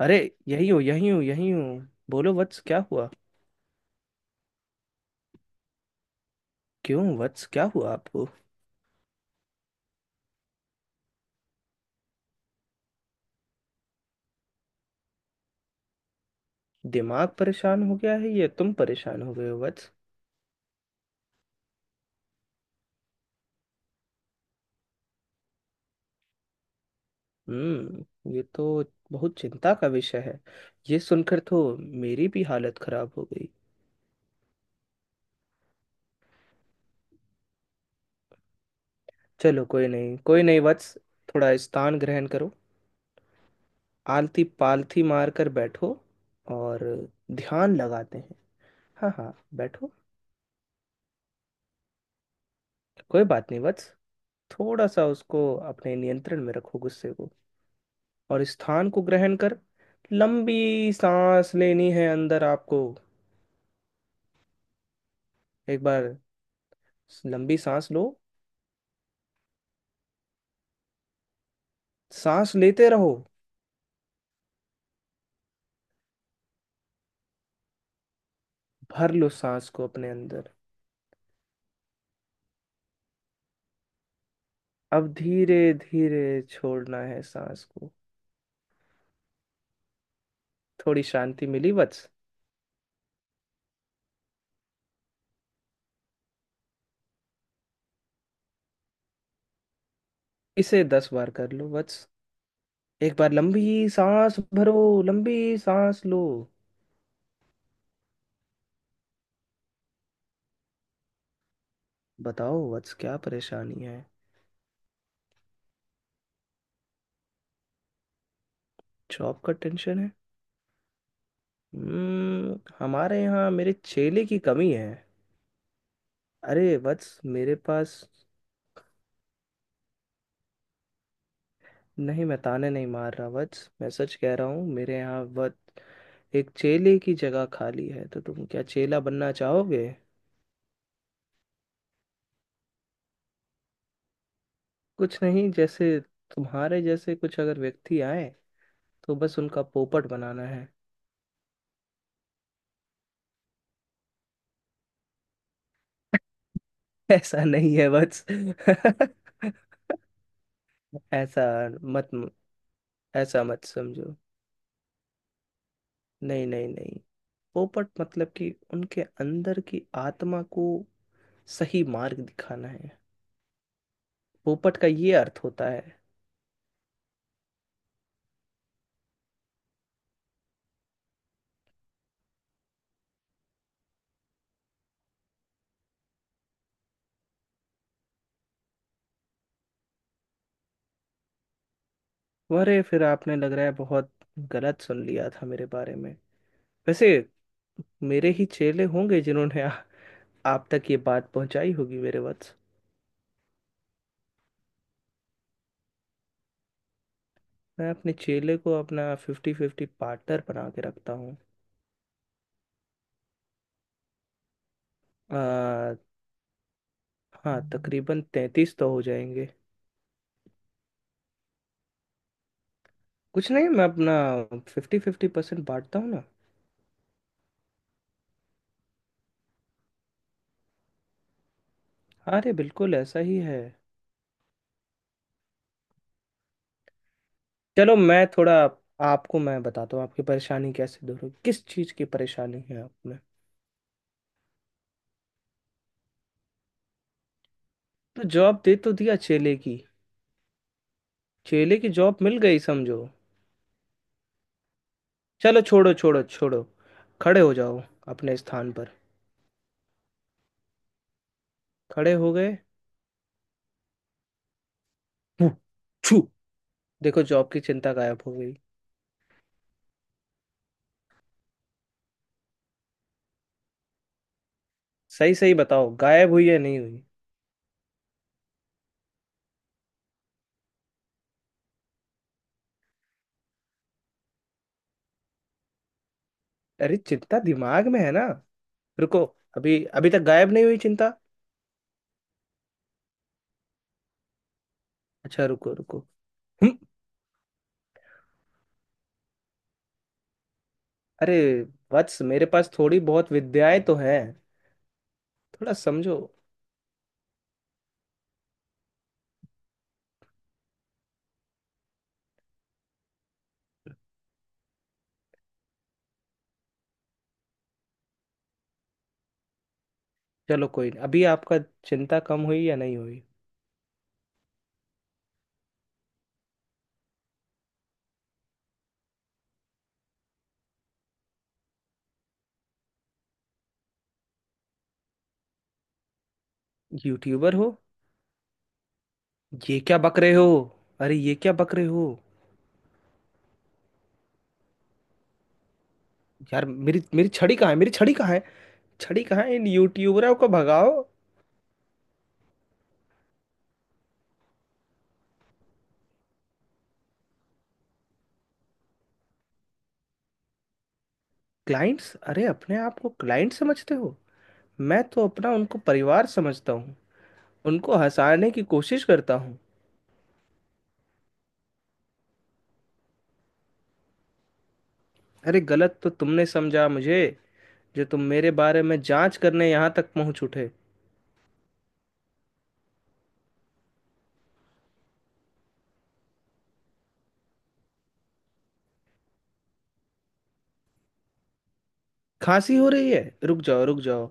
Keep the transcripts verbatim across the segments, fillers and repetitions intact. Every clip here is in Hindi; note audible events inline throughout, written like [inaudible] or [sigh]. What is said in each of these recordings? अरे, यही हूँ यही हूँ यही हूँ। बोलो वत्स, क्या हुआ? क्यों वत्स, क्या हुआ आपको? दिमाग परेशान हो गया है या तुम परेशान हो गए हो वत्स? हम्म ये तो बहुत चिंता का विषय है। ये सुनकर तो मेरी भी हालत खराब हो गई। चलो, कोई नहीं कोई नहीं वत्स, थोड़ा स्थान ग्रहण करो। आलती पालथी मार कर बैठो और ध्यान लगाते हैं। हाँ हाँ, बैठो। कोई बात नहीं वत्स, थोड़ा सा उसको अपने नियंत्रण में रखो, गुस्से को। और स्थान को ग्रहण कर, लंबी सांस लेनी है अंदर आपको। एक बार लंबी सांस लो। सांस लेते रहो। भर लो सांस को अपने अंदर। अब धीरे धीरे छोड़ना है सांस को। थोड़ी शांति मिली वत्स? इसे दस बार कर लो वत्स। एक बार लंबी सांस भरो, लंबी सांस लो। बताओ वत्स, क्या परेशानी है? जॉब का टेंशन है? हम्म हमारे यहाँ मेरे चेले की कमी है। अरे वत्स, मेरे पास। नहीं, मैं ताने नहीं मार रहा वत्स, मैं सच कह रहा हूँ। मेरे यहाँ वत्स एक चेले की जगह खाली है, तो तुम क्या चेला बनना चाहोगे? कुछ नहीं, जैसे तुम्हारे जैसे कुछ अगर व्यक्ति आए तो बस उनका पोपट बनाना है। [laughs] ऐसा नहीं है वत्स। [laughs] ऐसा मत ऐसा मत समझो। नहीं नहीं नहीं, पोपट मतलब कि उनके अंदर की आत्मा को सही मार्ग दिखाना है। पोपट का ये अर्थ होता है। अरे, फिर आपने लग रहा है बहुत गलत सुन लिया था मेरे बारे में। वैसे मेरे ही चेले होंगे जिन्होंने आ, आप तक ये बात पहुंचाई होगी मेरे वत्स। मैं अपने चेले को अपना फिफ्टी फिफ्टी पार्टनर बना के रखता हूँ। आ, हाँ, तकरीबन तैंतीस तो हो जाएंगे। कुछ नहीं, मैं अपना फिफ्टी फिफ्टी परसेंट बांटता हूँ ना। अरे बिल्कुल ऐसा ही है। चलो, मैं थोड़ा आपको मैं बताता हूँ आपकी परेशानी कैसे दूर होगी, किस चीज़ की परेशानी है आपने? तो जवाब दे तो दिया चेले की, चेले की जॉब मिल गई समझो। चलो, छोड़ो छोड़ो छोड़ो, खड़े हो जाओ अपने स्थान पर। खड़े हो गए। हूँ, छू। देखो, जॉब की चिंता गायब हो गई। सही सही बताओ, गायब हुई या नहीं हुई? अरे, चिंता दिमाग में है ना। रुको, अभी अभी तक गायब नहीं हुई चिंता। अच्छा, रुको रुको। हम्म, अरे वत्स, मेरे पास थोड़ी बहुत विद्याएं तो हैं, थोड़ा समझो। चलो कोई नहीं, अभी आपका चिंता कम हुई या नहीं हुई? यूट्यूबर हो? ये क्या बक रहे हो? अरे, ये क्या बक रहे हो? यार मेरी मेरी छड़ी कहाँ है, मेरी छड़ी कहाँ है? छड़ी कहाँ है, इन यूट्यूबरों को भगाओ। क्लाइंट्स? अरे, अपने आप को क्लाइंट समझते हो? मैं तो अपना उनको परिवार समझता हूँ। उनको हंसाने की कोशिश करता हूँ। अरे, गलत तो तुमने समझा मुझे। जो तुम मेरे बारे में जांच करने यहाँ तक पहुँच उठे। खांसी हो रही है, रुक जाओ रुक जाओ।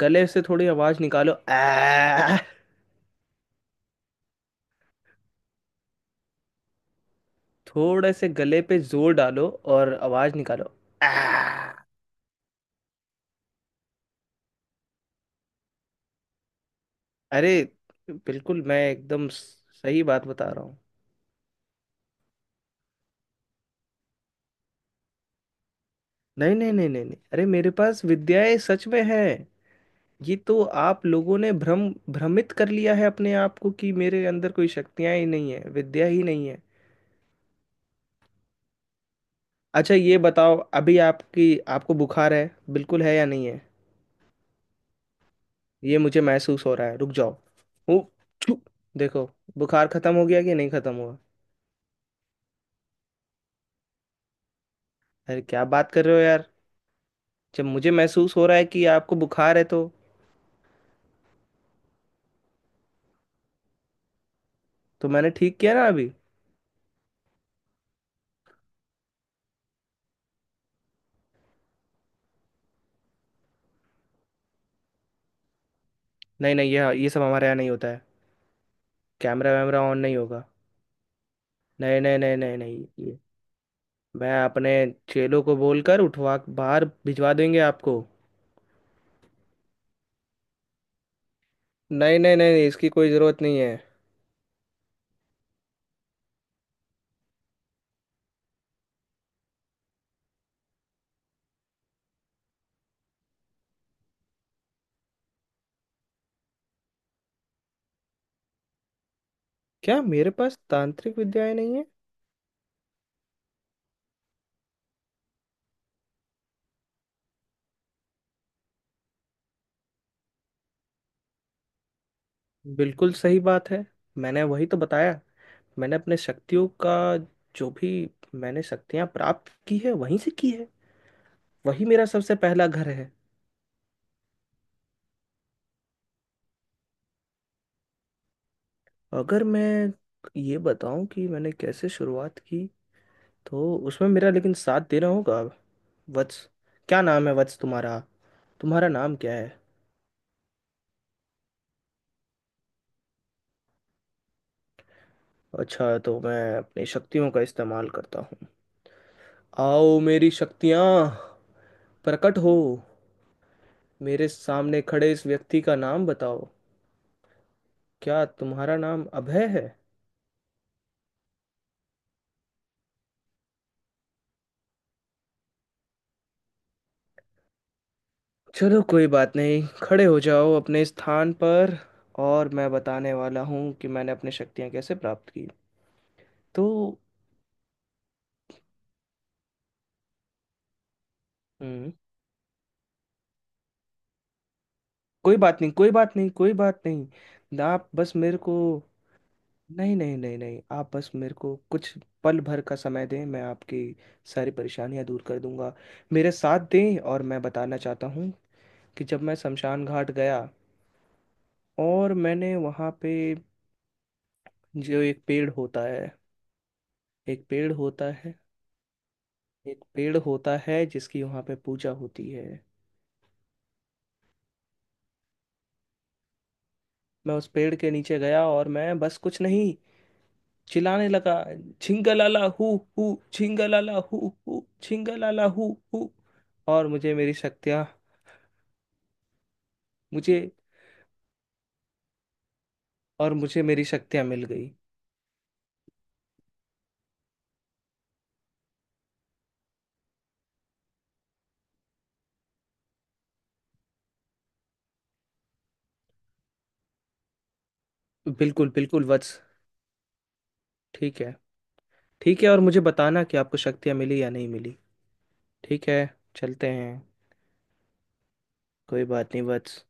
गले से थोड़ी आवाज निकालो, आ। थोड़े से गले पे जोर डालो और आवाज निकालो, आ। अरे बिल्कुल, मैं एकदम स- सही बात बता रहा हूँ। नहीं नहीं नहीं नहीं नहीं, अरे मेरे पास विद्याएं सच में हैं। ये तो आप लोगों ने भ्रम भ्रमित कर लिया है अपने आप को कि मेरे अंदर कोई शक्तियां ही नहीं है, विद्या ही नहीं है। अच्छा, ये बताओ, अभी आपकी आपको बुखार है, बिल्कुल है या नहीं है? ये मुझे महसूस हो रहा है, रुक जाओ। ओ, छू! देखो, बुखार खत्म हो गया कि नहीं खत्म हुआ? अरे, क्या बात कर रहे हो यार, जब मुझे महसूस हो रहा है कि आपको बुखार है तो। तो मैंने ठीक किया ना अभी। नहीं नहीं, ये ये सब हमारे यहाँ नहीं होता है। कैमरा वैमरा ऑन नहीं होगा। नहीं नहीं नहीं नहीं नहीं, ये मैं अपने चेलों को बोलकर उठवा बाहर भिजवा देंगे आपको। नहीं नहीं नहीं नहीं, इसकी कोई ज़रूरत नहीं है। क्या मेरे पास तांत्रिक विद्याएं नहीं है? बिल्कुल सही बात है, मैंने वही तो बताया। मैंने अपने शक्तियों का, जो भी मैंने शक्तियां प्राप्त की है वहीं से की है। वही मेरा सबसे पहला घर है। अगर मैं ये बताऊं कि मैंने कैसे शुरुआत की तो उसमें मेरा लेकिन साथ देना होगा वत्स। क्या नाम है वत्स तुम्हारा, तुम्हारा नाम क्या है? अच्छा, तो मैं अपनी शक्तियों का इस्तेमाल करता हूँ। आओ मेरी शक्तियाँ, प्रकट हो। मेरे सामने खड़े इस व्यक्ति का नाम बताओ। क्या तुम्हारा नाम अभय है? चलो, कोई बात नहीं, खड़े हो जाओ अपने स्थान पर। और मैं बताने वाला हूँ कि मैंने अपनी शक्तियाँ कैसे प्राप्त की। तो हम्म, कोई बात नहीं कोई बात नहीं कोई बात नहीं, आप बस मेरे को। नहीं नहीं नहीं नहीं, आप बस मेरे को कुछ पल भर का समय दें, मैं आपकी सारी परेशानियां दूर कर दूंगा। मेरे साथ दें और मैं बताना चाहता हूँ कि जब मैं शमशान घाट गया और मैंने वहाँ पे जो एक पेड़ होता है, एक पेड़ होता है एक पेड़ होता है जिसकी वहाँ पे पूजा होती है। मैं उस पेड़ के नीचे गया और मैं बस कुछ नहीं, चिल्लाने लगा। छिंगलाला हु हु छिंगलाला हु हु छिंगलाला हु हु। और मुझे मेरी शक्तियाँ मुझे और मुझे मेरी शक्तियाँ मिल गई। बिल्कुल बिल्कुल वत्स। ठीक है, ठीक है, और मुझे बताना कि आपको शक्तियाँ मिली या नहीं मिली। ठीक है, चलते हैं। कोई बात नहीं वत्स।